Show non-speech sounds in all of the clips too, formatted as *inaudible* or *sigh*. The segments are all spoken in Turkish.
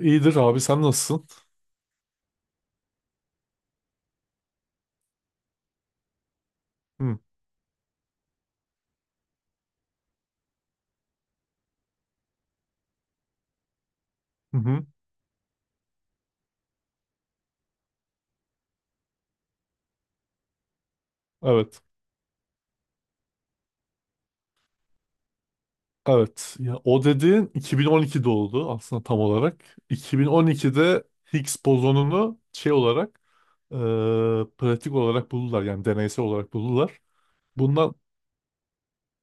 İyidir abi sen nasılsın? Hı hı. Hı. Evet. Evet. Ya o dediğin 2012 oldu aslında tam olarak. 2012'de Higgs bozonunu şey olarak, e, pratik olarak buldular, yani deneysel olarak buldular. Bundan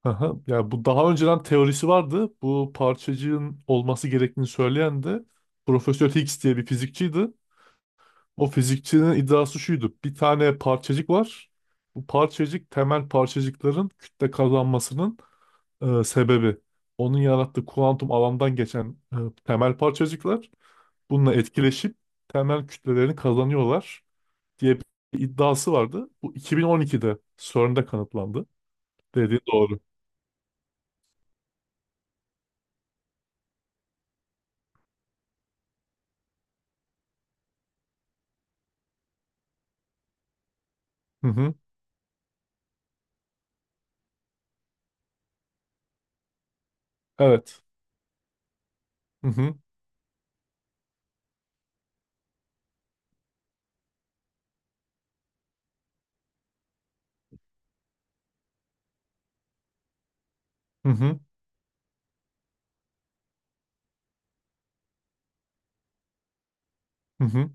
Aha, yani bu daha önceden teorisi vardı. Bu parçacığın olması gerektiğini söyleyen de Profesör Higgs diye bir fizikçiydi. O fizikçinin iddiası şuydu. Bir tane parçacık var. Bu parçacık temel parçacıkların kütle kazanmasının sebebi, onun yarattığı kuantum alandan geçen temel parçacıklar bununla etkileşip temel kütlelerini kazanıyorlar diye bir iddiası vardı. Bu 2012'de CERN'de kanıtlandı. Dediği doğru. Hı hı. Evet. Hı hı. Hı hı. Hı hı.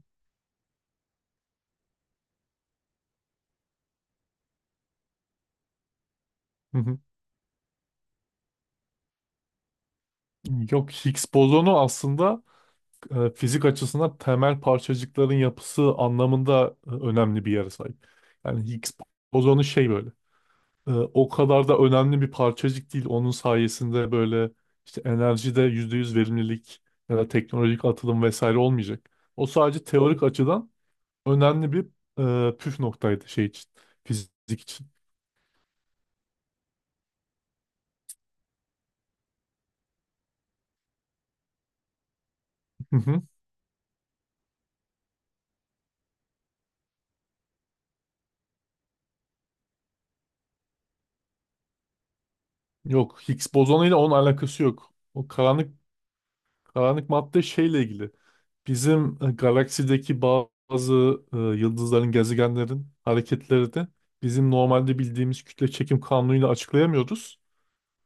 Hı hı. Yok, Higgs bozonu aslında fizik açısından temel parçacıkların yapısı anlamında önemli bir yere sahip. Yani Higgs bozonu şey böyle, o kadar da önemli bir parçacık değil. Onun sayesinde böyle işte enerjide %100 verimlilik ya da teknolojik atılım vesaire olmayacak. O sadece teorik açıdan önemli bir püf noktaydı şey için, fizik için. Hı hı. Yok, Higgs bozonuyla onun alakası yok. O karanlık madde şeyle ilgili. Bizim galaksideki bazı yıldızların, gezegenlerin hareketleri de bizim normalde bildiğimiz kütle çekim kanunuyla açıklayamıyoruz.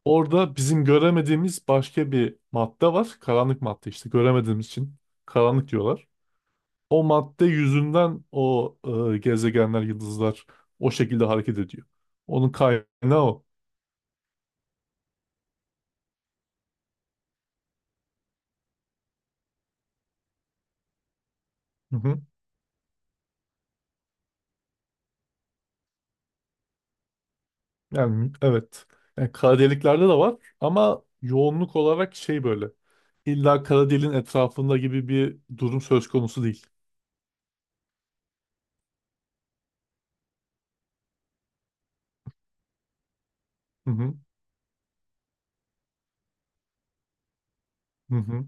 Orada bizim göremediğimiz başka bir madde var. Karanlık madde, işte göremediğimiz için karanlık diyorlar. O madde yüzünden o gezegenler, yıldızlar o şekilde hareket ediyor. Onun kaynağı o. Hı hı. Yani evet. Yani kara deliklerde de var ama yoğunluk olarak şey böyle. İlla kara deliğin etrafında gibi bir durum söz konusu değil. Hı hı. Hı hı.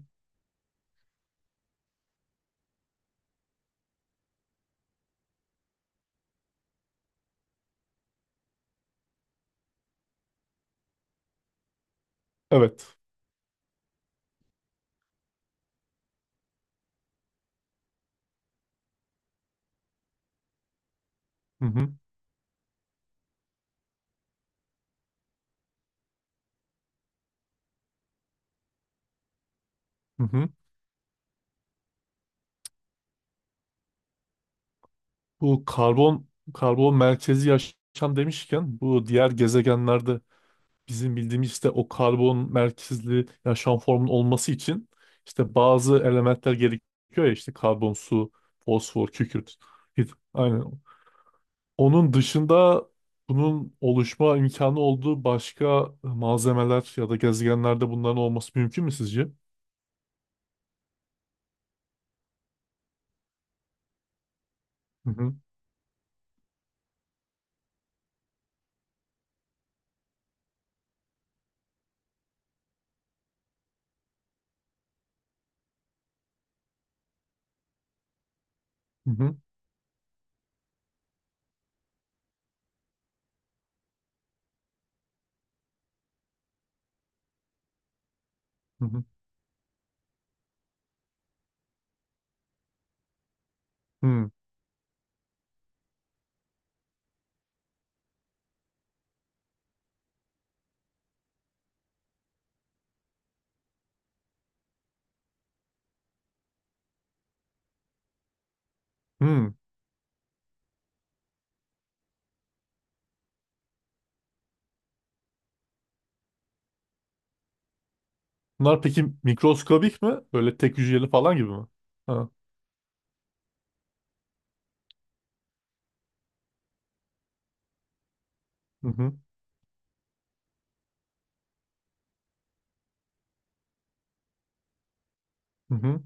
Evet. Hı hı. Hı hı. Bu karbon merkezi yaşam demişken, bu diğer gezegenlerde bizim bildiğimiz işte o karbon merkezli yaşam formunun olması için işte bazı elementler gerekiyor, ya işte karbon, su, fosfor, kükürt. Aynen. Onun dışında bunun oluşma imkanı olduğu başka malzemeler ya da gezegenlerde bunların olması mümkün mü sizce? Hı hı. Hı hı. Hı hı. Hı. Hı. Bunlar peki mikroskobik mi? Böyle tek hücreli falan gibi mi? Ha. Hı hı. Hı hı.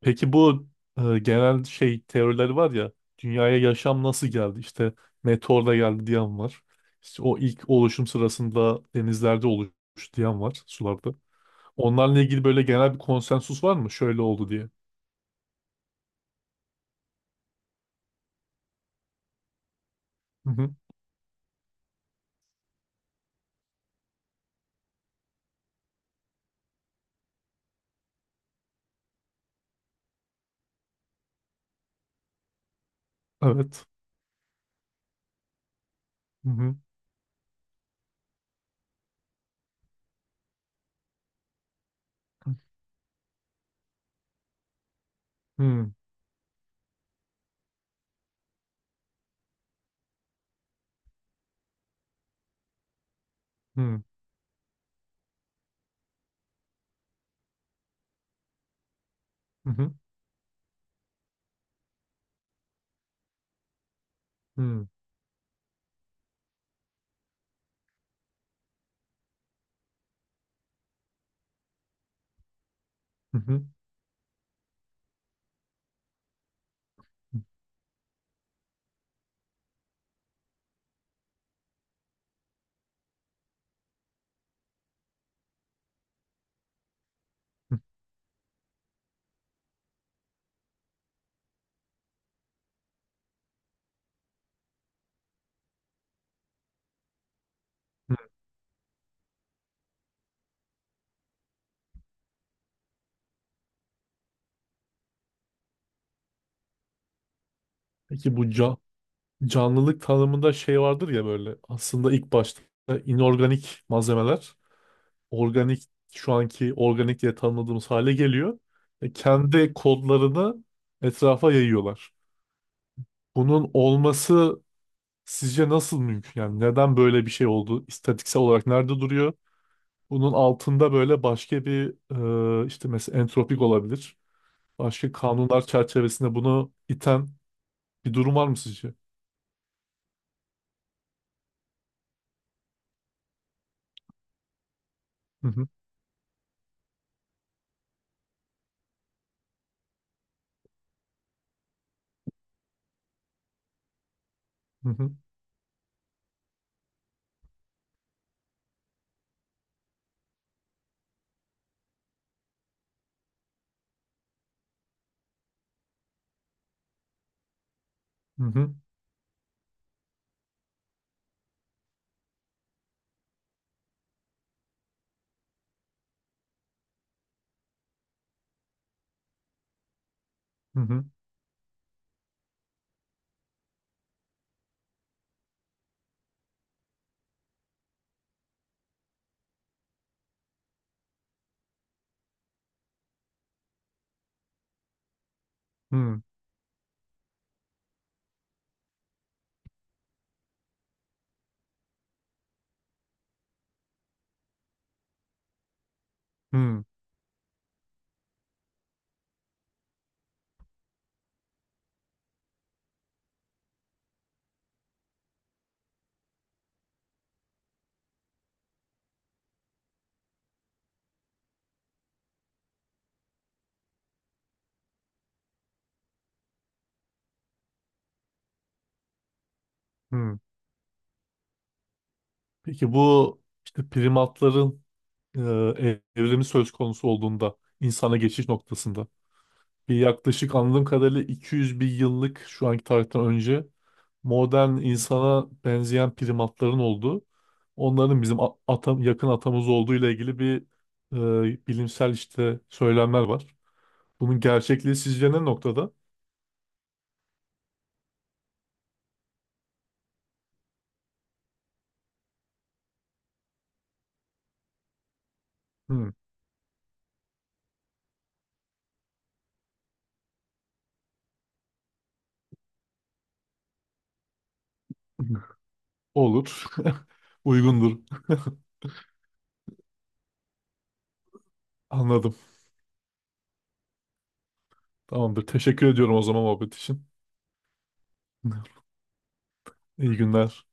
Peki bu genel şey teorileri var ya, dünyaya yaşam nasıl geldi? İşte meteorla geldi diyen var. İşte o ilk oluşum sırasında denizlerde oluştu diyen var, sularda. Onlarla ilgili böyle genel bir konsensus var mı? Şöyle oldu diye. Hı hı. Evet. Hı hı. Hı hı. Hı hı. Hı hı. Hı hı. Peki bu canlılık tanımında şey vardır ya, böyle aslında ilk başta inorganik malzemeler organik, şu anki organik diye tanımladığımız hale geliyor. Kendi kodlarını etrafa yayıyorlar. Bunun olması sizce nasıl mümkün? Yani neden böyle bir şey oldu? İstatiksel olarak nerede duruyor? Bunun altında böyle başka bir, işte mesela entropik olabilir. Başka kanunlar çerçevesinde bunu iten bir durum var mı sizce? Hı hı. Hı hı. Hı hı. Hı hı. Hı hı. Peki bu işte primatların evrimi söz konusu olduğunda, insana geçiş noktasında bir yaklaşık anladığım kadarıyla 200 bin yıllık şu anki tarihten önce modern insana benzeyen primatların olduğu, onların bizim yakın atamız olduğu ile ilgili bir bilimsel işte söylemler var. Bunun gerçekliği sizce ne noktada? Hmm. Olur. *laughs* Uygundur. Anladım. Tamamdır. Teşekkür ediyorum o zaman, muhabbet için. *laughs* İyi günler.